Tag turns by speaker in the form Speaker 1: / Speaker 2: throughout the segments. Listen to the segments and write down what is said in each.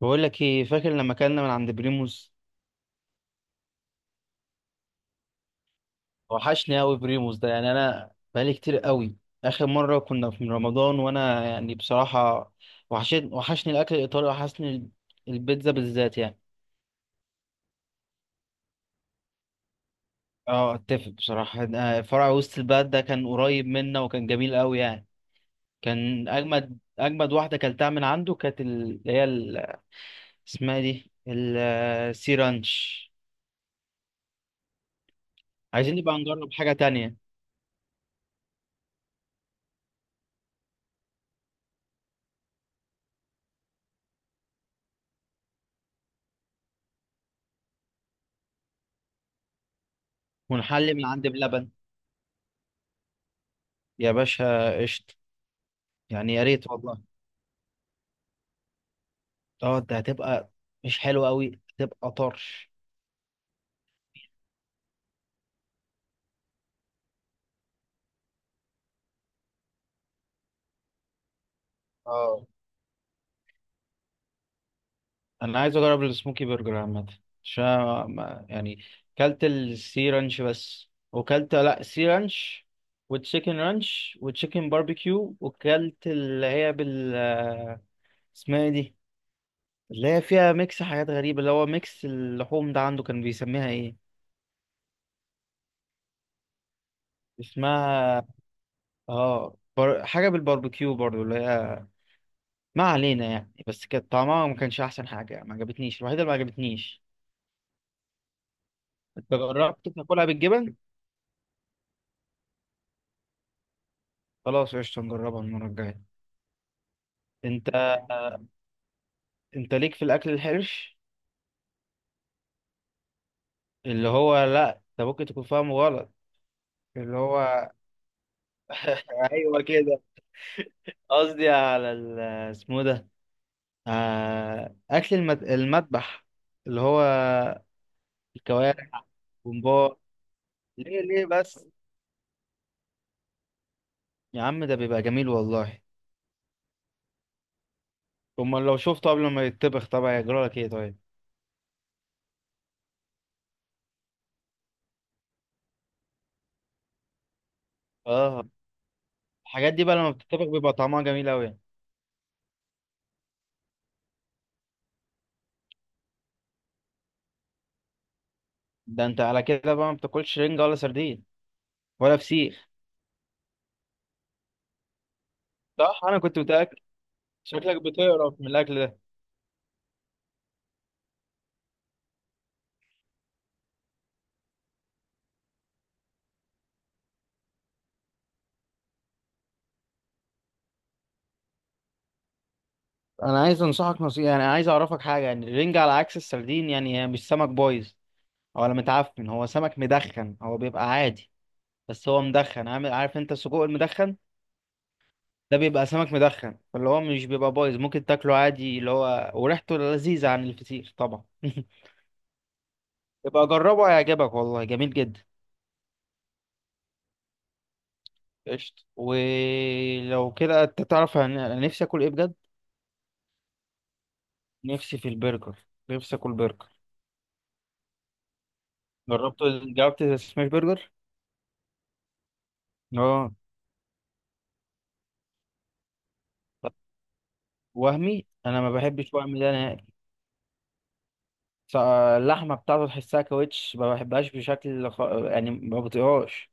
Speaker 1: بقول لك ايه، فاكر لما كنا من عند بريموس؟ وحشني قوي بريموس ده، يعني انا بقالي كتير قوي. اخر مره كنا في رمضان وانا يعني بصراحه، وحشني الاكل الايطالي، وحشني البيتزا بالذات يعني. اه، اتفق بصراحه. فرع وسط البلد ده كان قريب منا، وكان جميل قوي يعني. كان اجمد اجمد واحده اكلتها من عنده، كانت ال- اللي هي ال- اسمها إيه دي السي رانش. عايزين نبقى نجرب حاجه تانية، ونحلي من عند بلبن. يا باشا قشطة. يعني يا ريت والله. اه، ده هتبقى مش حلو قوي، هتبقى طرش. اه، انا عايز اجرب السموكي برجر عامه، عشان أنا يعني كلت السي رانش بس، وكلت لا سي رانش وتشيكن رانش وتشيكن باربيكيو، وكلت اللي هي بال اسمها ايه دي اللي هي فيها ميكس حاجات غريبة، اللي هو ميكس اللحوم ده، عنده كان بيسميها ايه؟ اسمها حاجة بالباربيكيو برضو اللي هي، ما علينا يعني، بس كانت طعمها ما كانش احسن حاجه يعني، ما عجبتنيش، الوحيده اللي ما عجبتنيش. انت جربت تاكلها بالجبن؟ خلاص قشطه، نجربها المره الجايه. انت انت ليك في الاكل الحرش؟ اللي هو لا، انت ممكن تكون فاهمه غلط. اللي هو، ايوه كده. قصدي على ال- اسمه ده آه، اكل المذبح، اللي هو الكوارع، بومبار. ليه ليه بس؟ يا عم ده بيبقى جميل والله. امال لو شفته قبل ما يتطبخ طبعا يجرى لك ايه طيب؟ اه، الحاجات دي بقى لما بتتطبخ بيبقى طعمها جميل قوي. ده انت على كده بقى ما بتاكلش رنجة ولا سردين ولا فسيخ؟ صح، انا كنت متأكد. شكلك بتقرف من الاكل ده. انا عايز انصحك نصيحة، يعني عايز اعرفك حاجة، يعني الرنجة على عكس السردين، يعني هي مش سمك بايظ ولا متعفن، هو سمك مدخن، هو بيبقى عادي. بس هو مدخن، عامل عارف انت السجق المدخن، ده بيبقى سمك مدخن، فاللي هو مش بيبقى بايظ، ممكن تاكله عادي، اللي هو وريحته لذيذة عن الفسيخ طبعا. يبقى جربه هيعجبك والله، جميل جدا. قشطة، ولو كده انت تعرف، انا نفسي اكل ايه بجد. نفسي في البرجر، نفسي اكل برجر. جربت جربت السماش برجر؟ اه. طب وهمي، انا ما بحبش وهمي ده نهائي. ص- اللحمه بتاعته تحسها كاوتش، ما بحبهاش بشكل يعني ما بطيقهاش.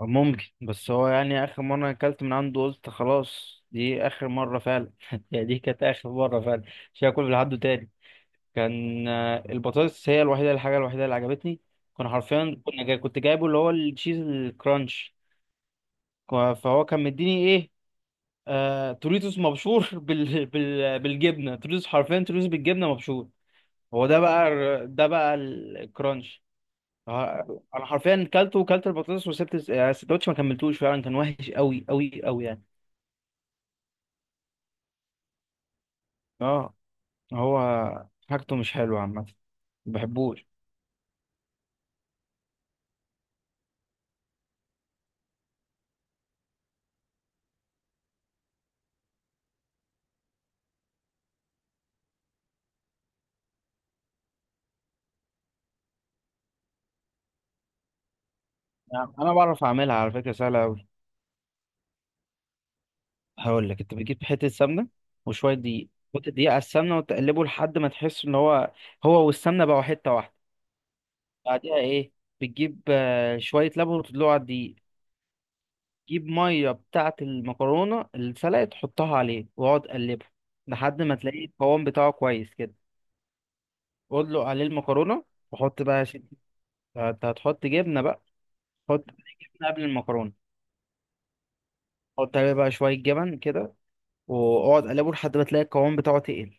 Speaker 1: ممكن، بس هو يعني اخر مره اكلت من عنده قلت خلاص دي اخر مره فعلا. يعني دي كانت اخر مره فعلا، مش هاكل من عنده تاني. كان البطاطس هي الوحيده، الحاجه الوحيده اللي عجبتني. كنا حرفيا كنا جاي كنت جايبه اللي هو التشيز الكرانش. فهو كان مديني ايه؟ توريتوس مبشور. بالجبنه، توريتوس، حرفيا توريتوس بالجبنه مبشور. هو ده بقى الر- ده بقى الكرانش. انا حرفيا كلته وكلت البطاطس، وسبت يعني السندوتش، ما كملتوش فعلا، كان وحش قوي قوي قوي يعني. اه، هو حاجته مش حلوه عامه، ما بحبوش. يعني انا بعرف اعملها على فكره، سهله أوي. هقول لك، انت بتجيب حته سمنه وشويه دقيق، وتحط الدقيق على السمنه وتقلبه لحد ما تحس ان هو والسمنه بقوا حته واحده. بعدها ايه؟ بتجيب شويه لبن وتدلقه على الدقيق. تجيب ميه بتاعه المكرونه السلقه، تحطها عليه واقعد قلبه لحد ما تلاقي القوام بتاعه كويس كده. واطلق عليه المكرونه. وحط بقى يا انت هتحط جبنه بقى. حط جبنه قبل المكرونه. حط عليه بقى شويه جبن كده، واقعد قلبه لحد ما تلاقي القوام بتاعه تقل.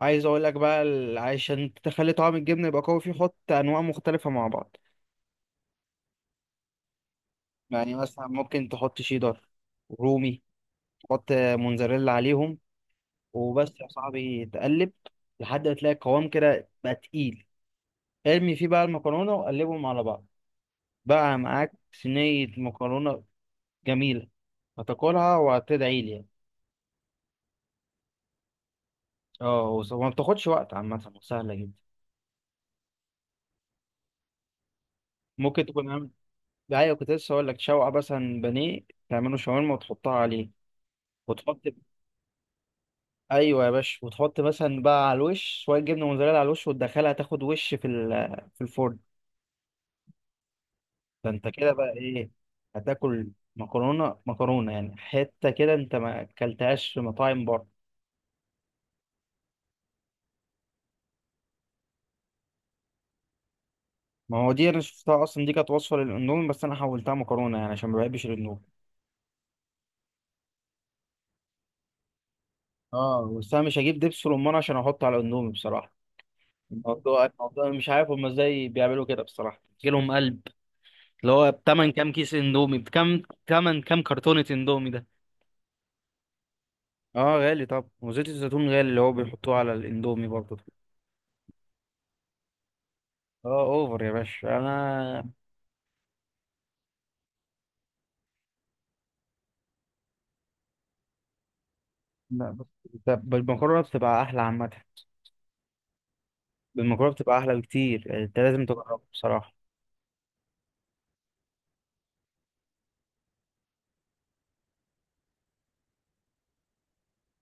Speaker 1: عايز اقول لك بقى، عشان تخلي طعم الجبنه يبقى قوي فيه، حط انواع مختلفه مع بعض. يعني مثلا ممكن تحط شيدر، رومي، تحط موتزاريلا عليهم. وبس يا صاحبي، تقلب لحد ما تلاقي القوام كده بقى تقيل. ارمي فيه بقى المكرونه وقلبهم على بعض. بقى معاك صينيه مكرونه جميله، هتاكلها وهتدعي لي يعني. اه، وما بتاخدش وقت عامه، وسهله جدا. ممكن تكون عامل، ايوه، كنت لسه اقول لك شوقه مثلا بانيه تعمله شاورما وتحطها عليه، وتحط ايوه يا باشا، وتحط مثلا بقى على الوش شويه جبنه موزاريلا على الوش، وتدخلها تاخد وش في في الفرن. ده انت كده بقى ايه؟ هتاكل مكرونه مكرونه يعني، حته كده انت ما اكلتهاش في مطاعم بره. ما هو دي انا شفتها اصلا، دي كانت وصفه للاندومي بس انا حولتها مكرونه يعني، عشان ما بحبش الاندومي. اه بس انا مش هجيب دبس رمان عشان احطه على الاندومي بصراحه. الموضوع مش عارف هم ازاي بيعملوا كده بصراحه، جيلهم قلب. اللي هو بتمن كام كيس اندومي؟ بكام تمن كام كرتونه اندومي؟ اه غالي. طب وزيت الزيتون غالي اللي هو بيحطوه على الاندومي برضه. اه اوفر يا باشا، انا لا بس. طب بالمكرونه بتبقى احلى عامه. بالمكرونه بتبقى احلى بكتير يعني، انت لازم تجربها بصراحه.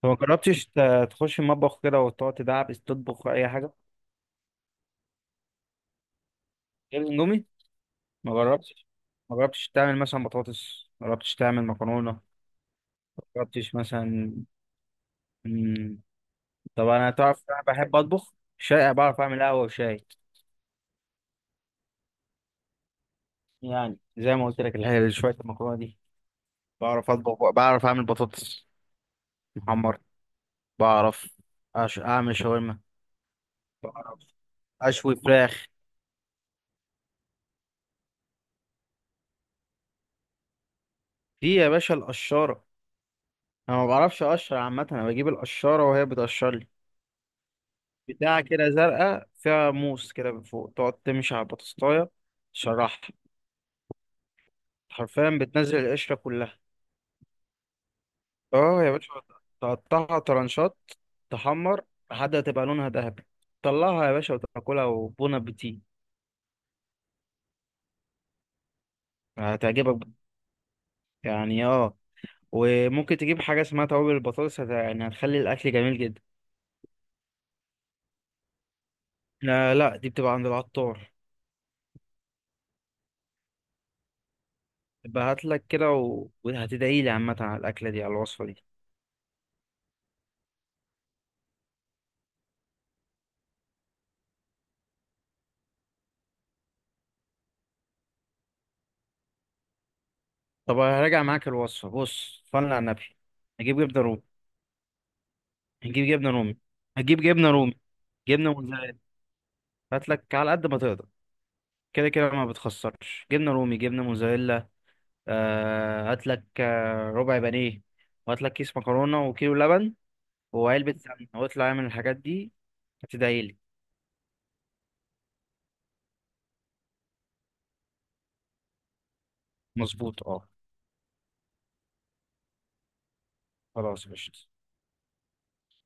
Speaker 1: لو ما جربتش، تخش المطبخ كده وتقعد تدعبس تطبخ اي حاجه غير الاندومي. ما جربتش ما جربتش تعمل مثلا بطاطس، ما جربتش تعمل مكرونه، ما جربتش مثلا؟ مم، طب انا تعرف، انا بحب اطبخ شاي، بعرف اعمل قهوه وشاي. يعني زي ما قلت لك، الحاجه شويه المكرونه دي، بعرف اطبخ، بعرف اعمل بطاطس محمر، بعرف اعمل شاورما، بعرف اشوي فراخ. دي يا باشا القشاره. انا ما بعرفش اقشر عامه، انا بجيب القشاره وهي بتقشر لي. بتاعه كده زرقاء فيها موس كده من فوق، تقعد تمشي على البطاطسايه تشرحها. حرفيا بتنزل القشره كلها. اه يا باشا، تقطعها طرنشات، تحمر لحد ما تبقى لونها ذهبي، طلعها يا باشا وتاكلها، وبون ابيتي. هتعجبك يعني، اه. وممكن تجيب حاجة اسمها توابل البطاطس، يعني هتخلي الأكل جميل جدا. لا، لا، دي بتبقى عند العطار. يبقى هاتلك كده، وهتدعي لي عامة على الأكلة دي، على الوصفة دي. طب هراجع معاك الوصفة، بص صلي على النبي. هجيب جبنة رومي، هجيب جبنة رومي، هجيب جبنة رومي، جبنة موزاريلا. هاتلك على قد ما تقدر. كده كده ما بتخسرش، جبنة رومي، جبنة موزاريلا. هاتلك ربع بانيه، وهاتلك كيس مكرونة وكيلو لبن، وعلبة سمنة، واطلع اعمل الحاجات دي، هتدعي لي. مظبوط اه. خلاص قشطة.